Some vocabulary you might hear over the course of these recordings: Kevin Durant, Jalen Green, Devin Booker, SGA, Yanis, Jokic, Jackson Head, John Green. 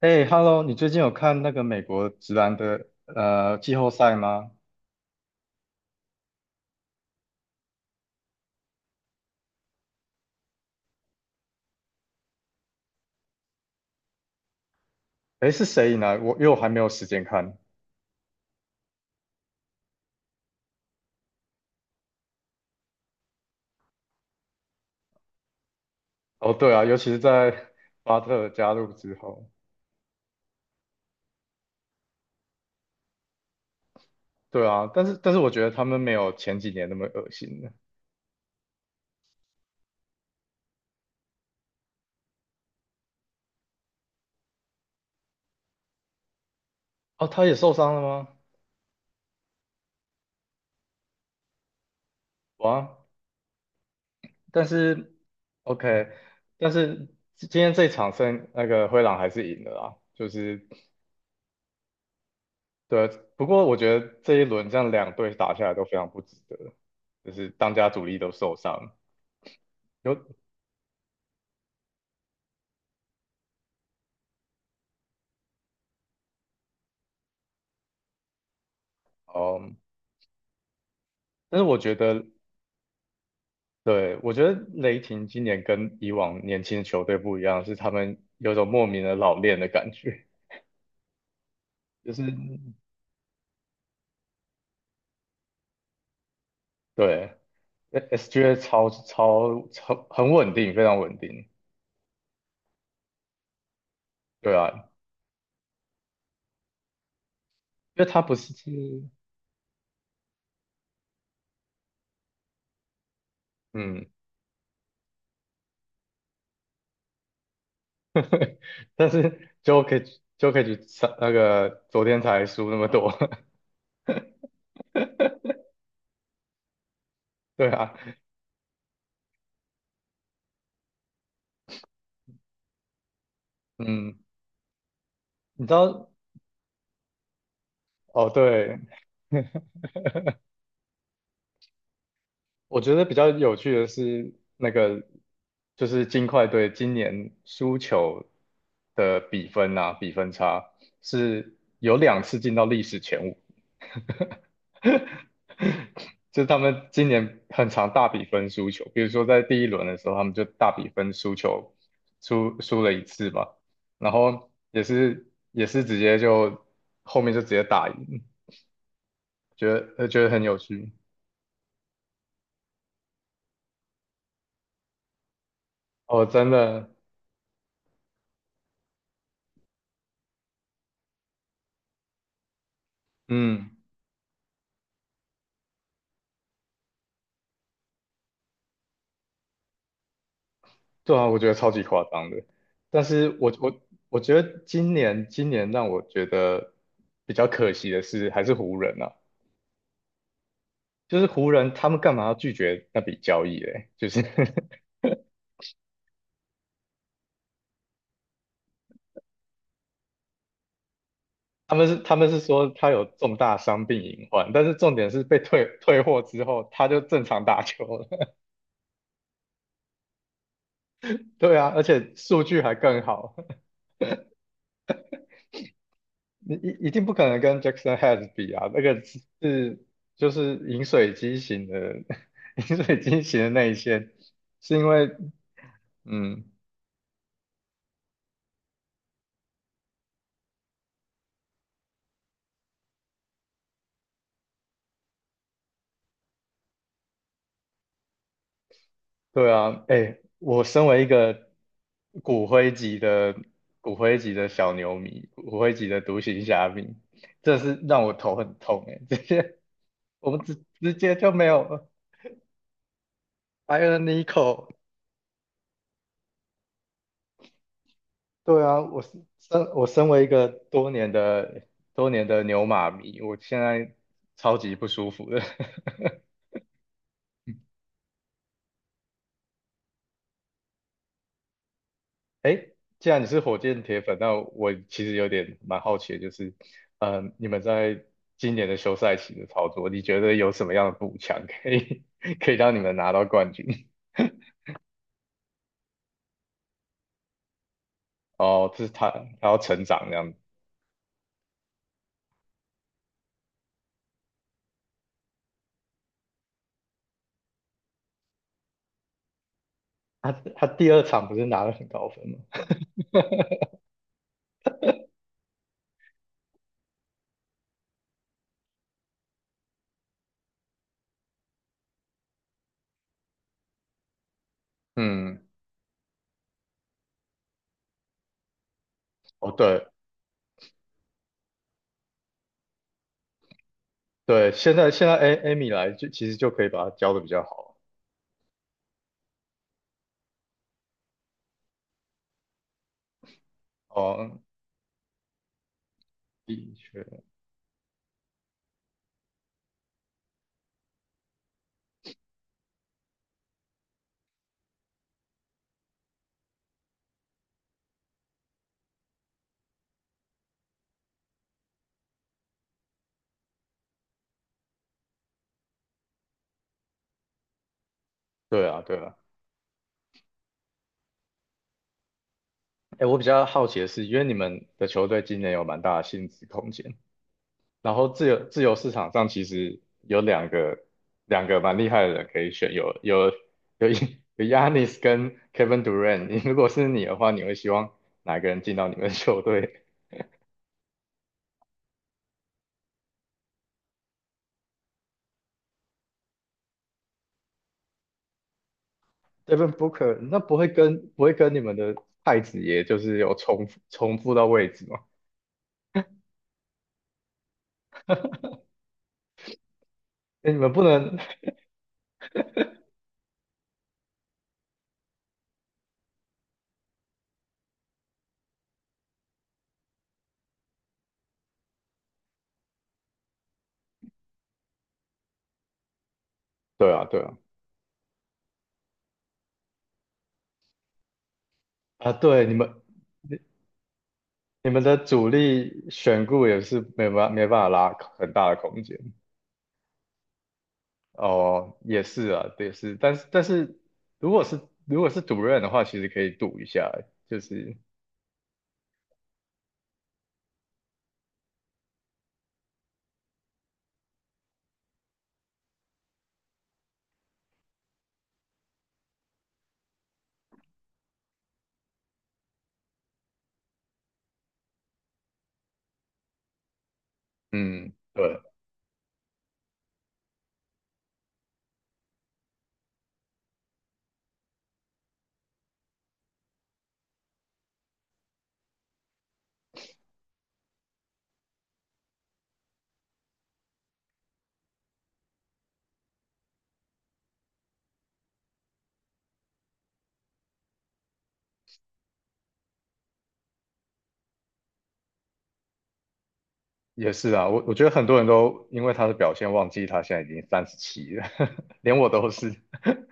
哎，Hello，你最近有看那个美国直男的季后赛吗？哎，是谁赢了？因为我还没有时间看。哦，对啊，尤其是在 巴特加入之后，对啊，但是我觉得他们没有前几年那么恶心了。哦，他也受伤了吗？哇，但是 OK，但是今天这一场胜那个灰狼还是赢了啦，就是对，不过我觉得这一轮这样两队打下来都非常不值得，就是当家主力都受伤。有哦，但是我觉得，对，我觉得雷霆今年跟以往年轻的球队不一样，是他们有种莫名的老练的感觉，就是对，SGA 超很稳定，非常稳定，对啊，因为他不是，嗯，但是 Jokic 上那个昨天才输那么多，对啊，嗯，你知道，哦，对，我觉得比较有趣的是那个，就是金块队今年输球的比分啊，比分差是有两次进到历史前五，就是他们今年很常大比分输球，比如说在第一轮的时候，他们就大比分输球，输了一次嘛，然后也是直接就后面就直接打赢，觉得觉得很有趣哦，真的，嗯。对啊，我觉得超级夸张的。但是我我觉得今年让我觉得比较可惜的是，还是湖人啊，就是湖人他们干嘛要拒绝那笔交易嘞？就是 他们是说他有重大伤病隐患，但是重点是被退货之后他就正常打球了。对啊，而且数据还更好。你一定不可能跟 Jackson Head 比啊，那个是就是饮水机型的，饮水机型的内线，是因为嗯，对啊，哎，我身为一个骨灰级的骨灰级的小牛迷，骨灰级的独行侠迷，这是让我头很痛哎，这些 我们直直接就没有 Iron Nico，对啊，我身为一个多年的多年的牛马迷，我现在超级不舒服的。哎既然你是火箭铁粉，那我其实有点蛮好奇的，就是，嗯、你们在今年的休赛期的操作，你觉得有什么样的补强可以 可以让你们拿到冠军？哦，这是他要成长这样子。他第二场不是拿了很高分吗？嗯，哦对对，现在艾米来就其实就可以把他教的比较好。哦，的确，对啊，对啊。哎，我比较好奇的是，因为你们的球队今年有蛮大的薪资空间，然后自由市场上其实有两个蛮厉害的人可以选，有 有 Yanis 跟 Kevin Durant。你如果是你的话，你会希望哪一个人进到你们的球队？Devin Booker，那不会跟你们的太子爷就是有重复到位置吗？哎，你们不能 对啊，对啊，啊，对，你们。你们的主力选股也是没办法拉很大的空间哦，也是啊，也是，但是但是如果是赌任的话，其实可以赌一下，就是嗯，对，也是啊，我觉得很多人都因为他的表现忘记他现在已经37了，连我都是，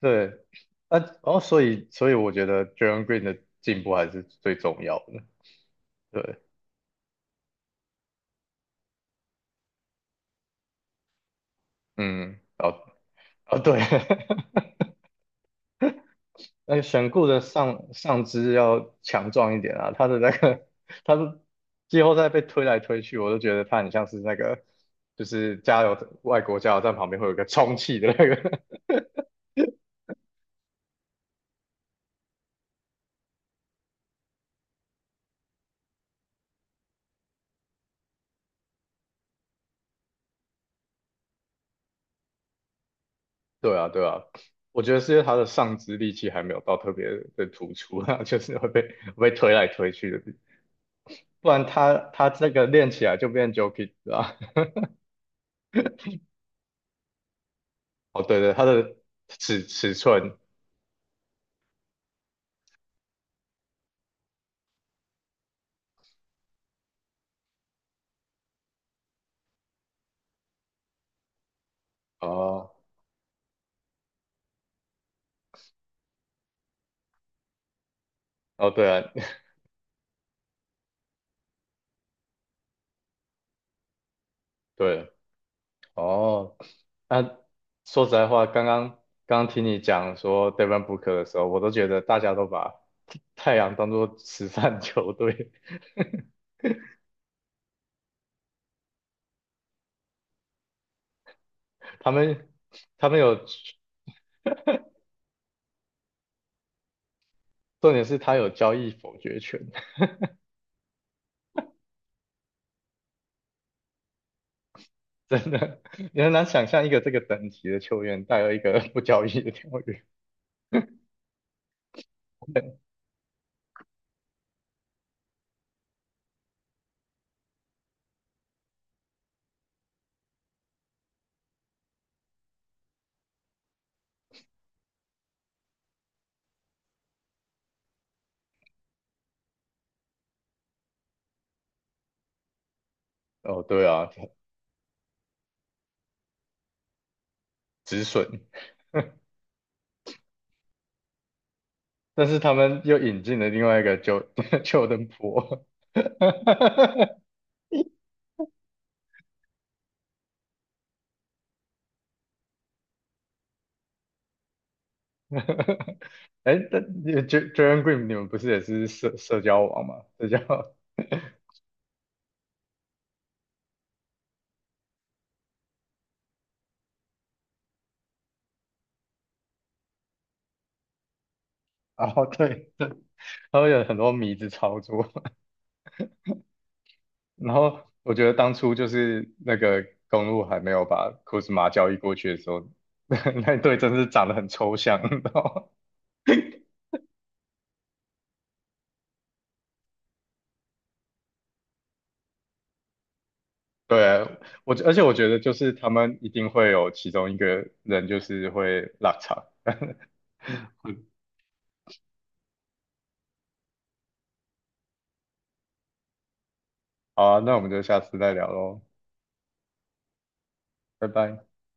对，啊，哦，所以我觉得 John Green 的进步还是最重要的，对，嗯，哦对。那个选固的上肢要强壮一点啊，他的那个 他的季后赛被推来推去，我都觉得他很像是那个就是外国加油站旁边会有一个充气的那个。对啊，对啊，我觉得是因为他的上肢力气还没有到特别的突出啊，就是会被推来推去的，不然他这个练起来就变 Jokic 了啊。哦，对对，他的尺寸哦哦，对啊，对，哦，那说实在话，刚刚听你讲说 Devin Booker 的时候，我都觉得大家都把太阳当做慈善球队，他们他们有，重点是他有交易否决权，真的，你很难想象一个这个等级的球员带了一个不交易的条约。哦，对啊，止损，但是他们又引进了另外一个 Jo- Jorda 哎，但你 J- Jalen Green 你们不是也是社交网吗？社交，哦，对，他们有很多迷之操作。然后我觉得当初就是那个公路还没有把库兹马交易过去的时候，那队真是长得很抽象，你知道吗对，而且我觉得就是他们一定会有其中一个人就是会落场。好啊，那我们就下次再聊喽，拜拜。